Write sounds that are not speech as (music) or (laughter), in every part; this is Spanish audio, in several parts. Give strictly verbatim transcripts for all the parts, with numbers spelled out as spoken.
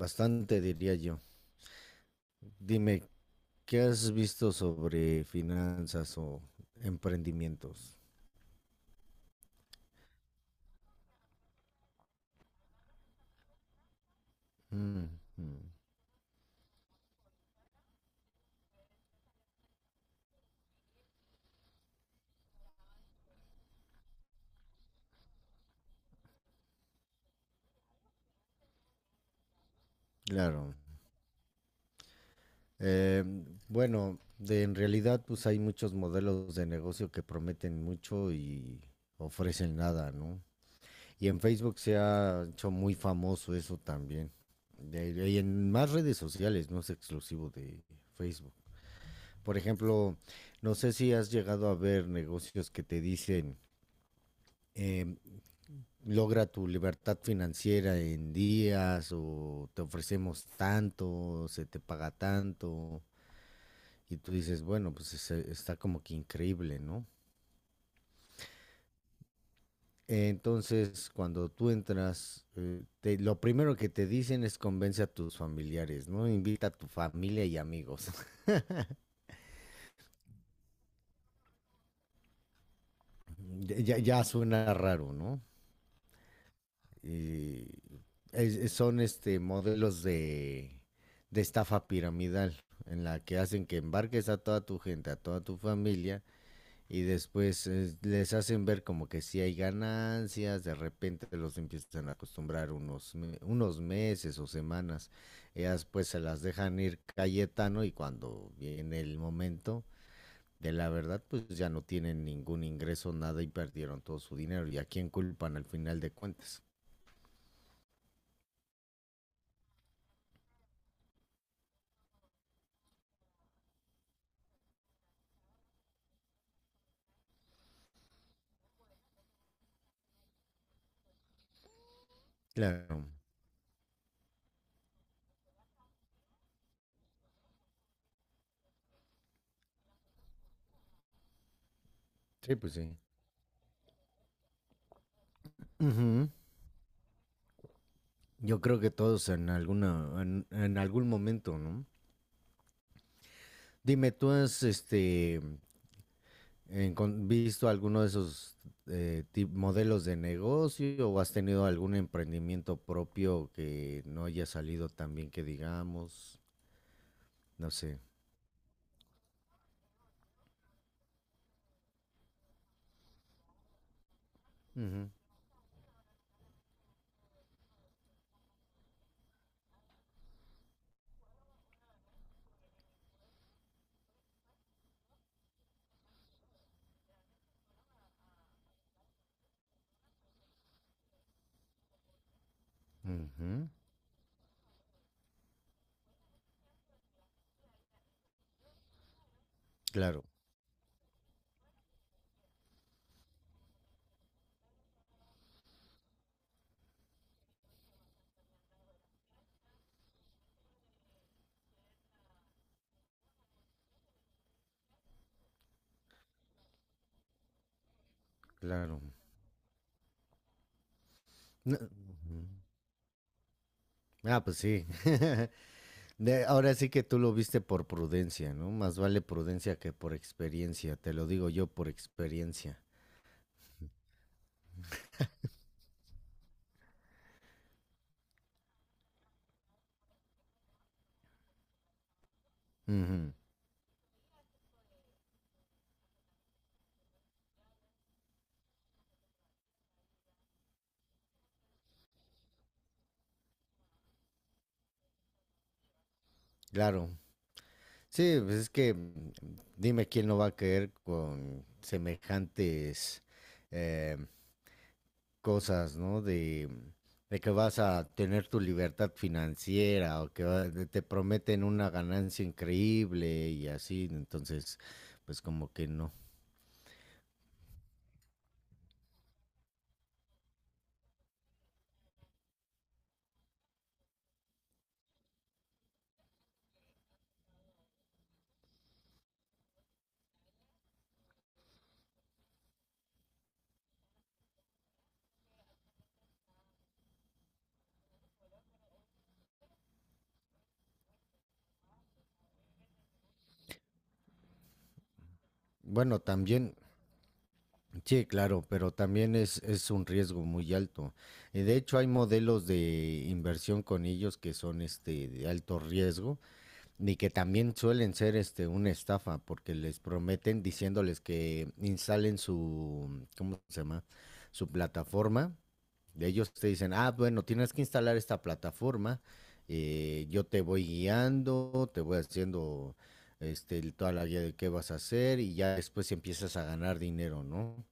Bastante, diría yo. Dime, ¿qué has visto sobre finanzas o emprendimientos? Mm, mm, claro. Eh, bueno, de- en realidad, pues hay muchos modelos de negocio que prometen mucho y ofrecen nada, ¿no? Y en Facebook se ha hecho muy famoso eso también. De- de- y en más redes sociales, no es exclusivo de Facebook. Por ejemplo, no sé si has llegado a ver negocios que te dicen, em, logra tu libertad financiera en días o te ofrecemos tanto, se te paga tanto y tú dices, bueno, pues es- eh, está como que increíble, ¿no? Entonces, cuando tú entras, eh, te- lo primero que te dicen es convence a tus familiares, ¿no? Invita a tu familia y amigos. (laughs) Ya, ya ya suena raro, ¿no? eh, es- Son este modelos de, de estafa piramidal en la que hacen que embarques a toda tu gente, a toda tu familia y después eh, les hacen ver como que si hay ganancias, de repente los empiezan a acostumbrar unos me- unos meses o semanas. Ellas pues se las dejan ir Cayetano y cuando viene el momento de la verdad pues ya no tienen ningún ingreso, nada y perdieron todo su dinero. ¿Y a quién culpan al final de cuentas? Claro. Sí, pues sí. Ujú. Yo creo que todos en alguna, en, en algún momento, ¿no? Dime, ¿tú has este encon- visto alguno de esos eh, ti- modelos de negocio o has tenido algún emprendimiento propio que no haya salido tan bien que digamos? No sé. Ujú, ujú. Claro, claro. No, ujú. Ah, pues sí. (laughs) De- ahora sí que tú lo viste por prudencia, ¿no? Más vale prudencia que por experiencia, te lo digo yo por experiencia. Ujú, claro. Sí, pues es que mm, dime quién no va a caer con semejantes eh, cosas, ¿no? De, de que vas a tener tu libertad financiera o que va- de- te prometen una ganancia increíble y así, entonces, pues como que no. Bueno, también sí, claro, pero también es, es un riesgo muy alto. Y de hecho hay modelos de inversión con ellos que son este de alto riesgo y que también suelen ser este una estafa porque les prometen diciéndoles que instalen su, ¿cómo se llama? Su plataforma. De ellos te dicen, ah, bueno, tienes que instalar esta plataforma, eh, yo te voy guiando, te voy haciendo este, el- toda la guía de qué vas a hacer y ya después empiezas a ganar dinero, ¿no?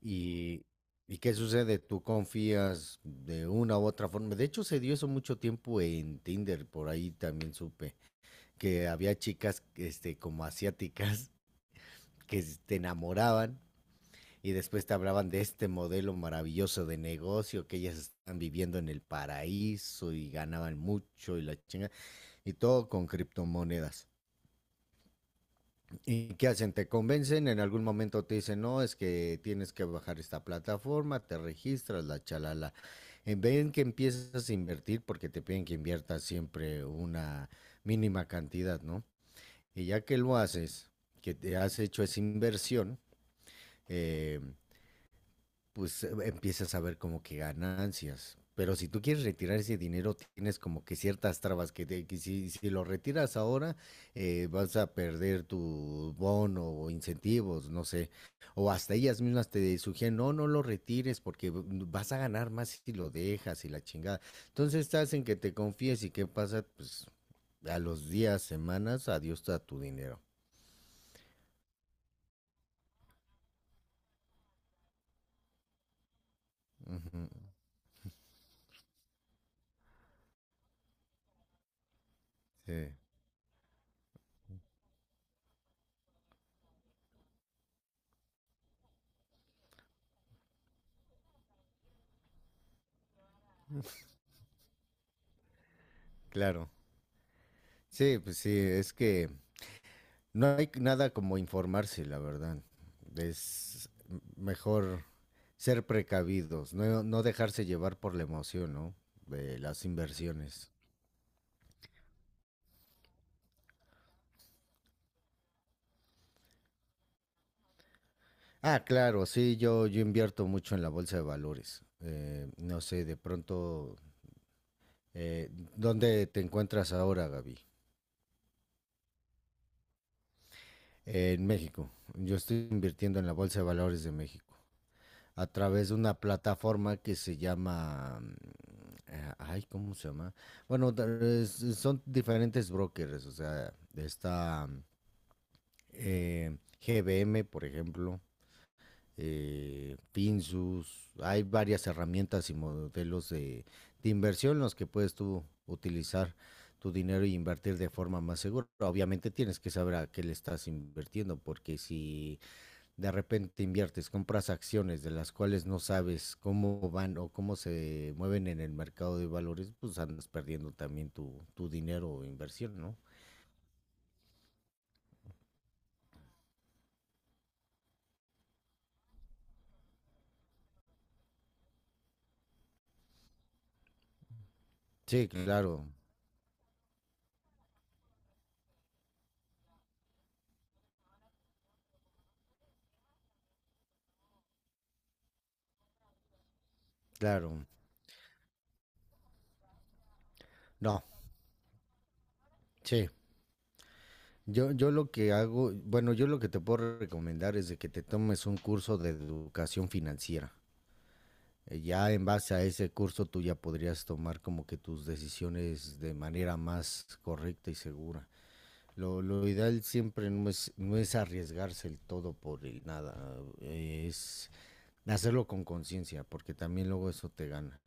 ¿Y, ¿y qué sucede? ¿Tú confías de una u otra forma? De hecho, se dio eso mucho tiempo en Tinder, por ahí también supe, que había chicas, este, como asiáticas (laughs) que s- te enamoraban y después te hablaban de este modelo maravilloso de negocio, que ellas están viviendo en el paraíso y ganaban mucho y la chinga, y todo con criptomonedas. ¿Y qué hacen? ¿Te convencen? En algún momento te dicen, no, es que tienes que bajar esta plataforma, te registras, la chalala. En vez que empiezas a invertir, porque te piden que inviertas siempre una mínima cantidad, ¿no? Y ya que lo haces, que te has hecho esa inversión, eh, pues eh, empiezas a ver como que ganancias. Pero si tú quieres retirar ese dinero, tienes como que ciertas trabas que, te- que si, si lo retiras ahora, eh, vas a perder tu bono o incentivos, no sé. O hasta ellas mismas te sugieren, no, no lo retires porque v- vas a ganar más si lo dejas y la chingada. Entonces estás en que te confíes y qué pasa, pues a los días, semanas, adiós a tu dinero. Ujú, sí, claro. Sí, pues sí, es que no hay nada como informarse, la verdad. Es mejor ser precavidos, no, no dejarse llevar por la emoción, ¿no? De las inversiones. Ah, claro, sí, yo, yo invierto mucho en la bolsa de valores. Eh, no sé, de pronto, eh, ¿dónde te encuentras ahora, Gaby? Eh, en México. Yo estoy invirtiendo en la bolsa de valores de México, a través de una plataforma que se llama, mm, eh, ay, ¿cómo se llama? Bueno, da- es- son diferentes brokers, o sea, está mm, eh, G B M, por ejemplo, eh, Finsus, hay varias herramientas y modelos de, de inversión en los que puedes tú utilizar tu dinero y invertir de forma más segura. Obviamente tienes que saber a qué le estás invirtiendo, porque si de repente inviertes, compras acciones de las cuales no sabes cómo van o cómo se mueven en el mercado de valores, pues andas perdiendo también tu, tu dinero o inversión, ¿no? Sí, claro, claro. No, sí. Yo, yo lo que hago, bueno, yo lo que te puedo recomendar es de que te tomes un curso de educación financiera. Eh, Ya en base a ese curso tú ya podrías tomar como que tus decisiones de manera más correcta y segura. Lo, lo ideal siempre no es, no es arriesgarse el todo por el nada, eh, es hacerlo con conciencia, porque también luego eso te gana.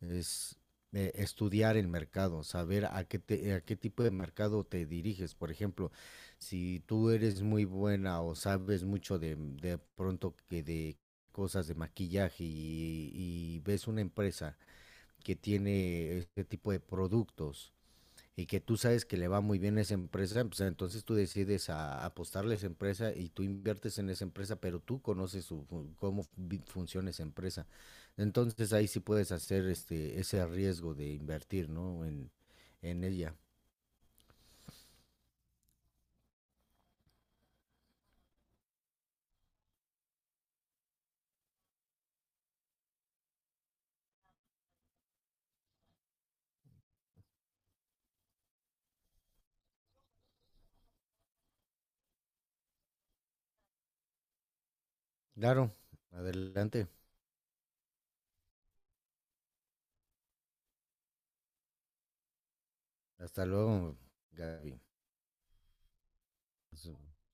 Es eh, estudiar el mercado, saber a qué, te- a qué tipo de mercado te diriges. Por ejemplo, si tú eres muy buena o sabes mucho de, de pronto que de cosas de maquillaje y, y ves una empresa que tiene este tipo de productos y que tú sabes que le va muy bien a esa empresa, pues entonces tú decides a apostarle a esa empresa y tú inviertes en esa empresa, pero tú conoces su, fu- cómo vi- funciona esa empresa. Entonces ahí sí puedes hacer este ese riesgo de invertir, ¿no? En, en ella. Claro, adelante. Hasta luego, Gaby. Pues,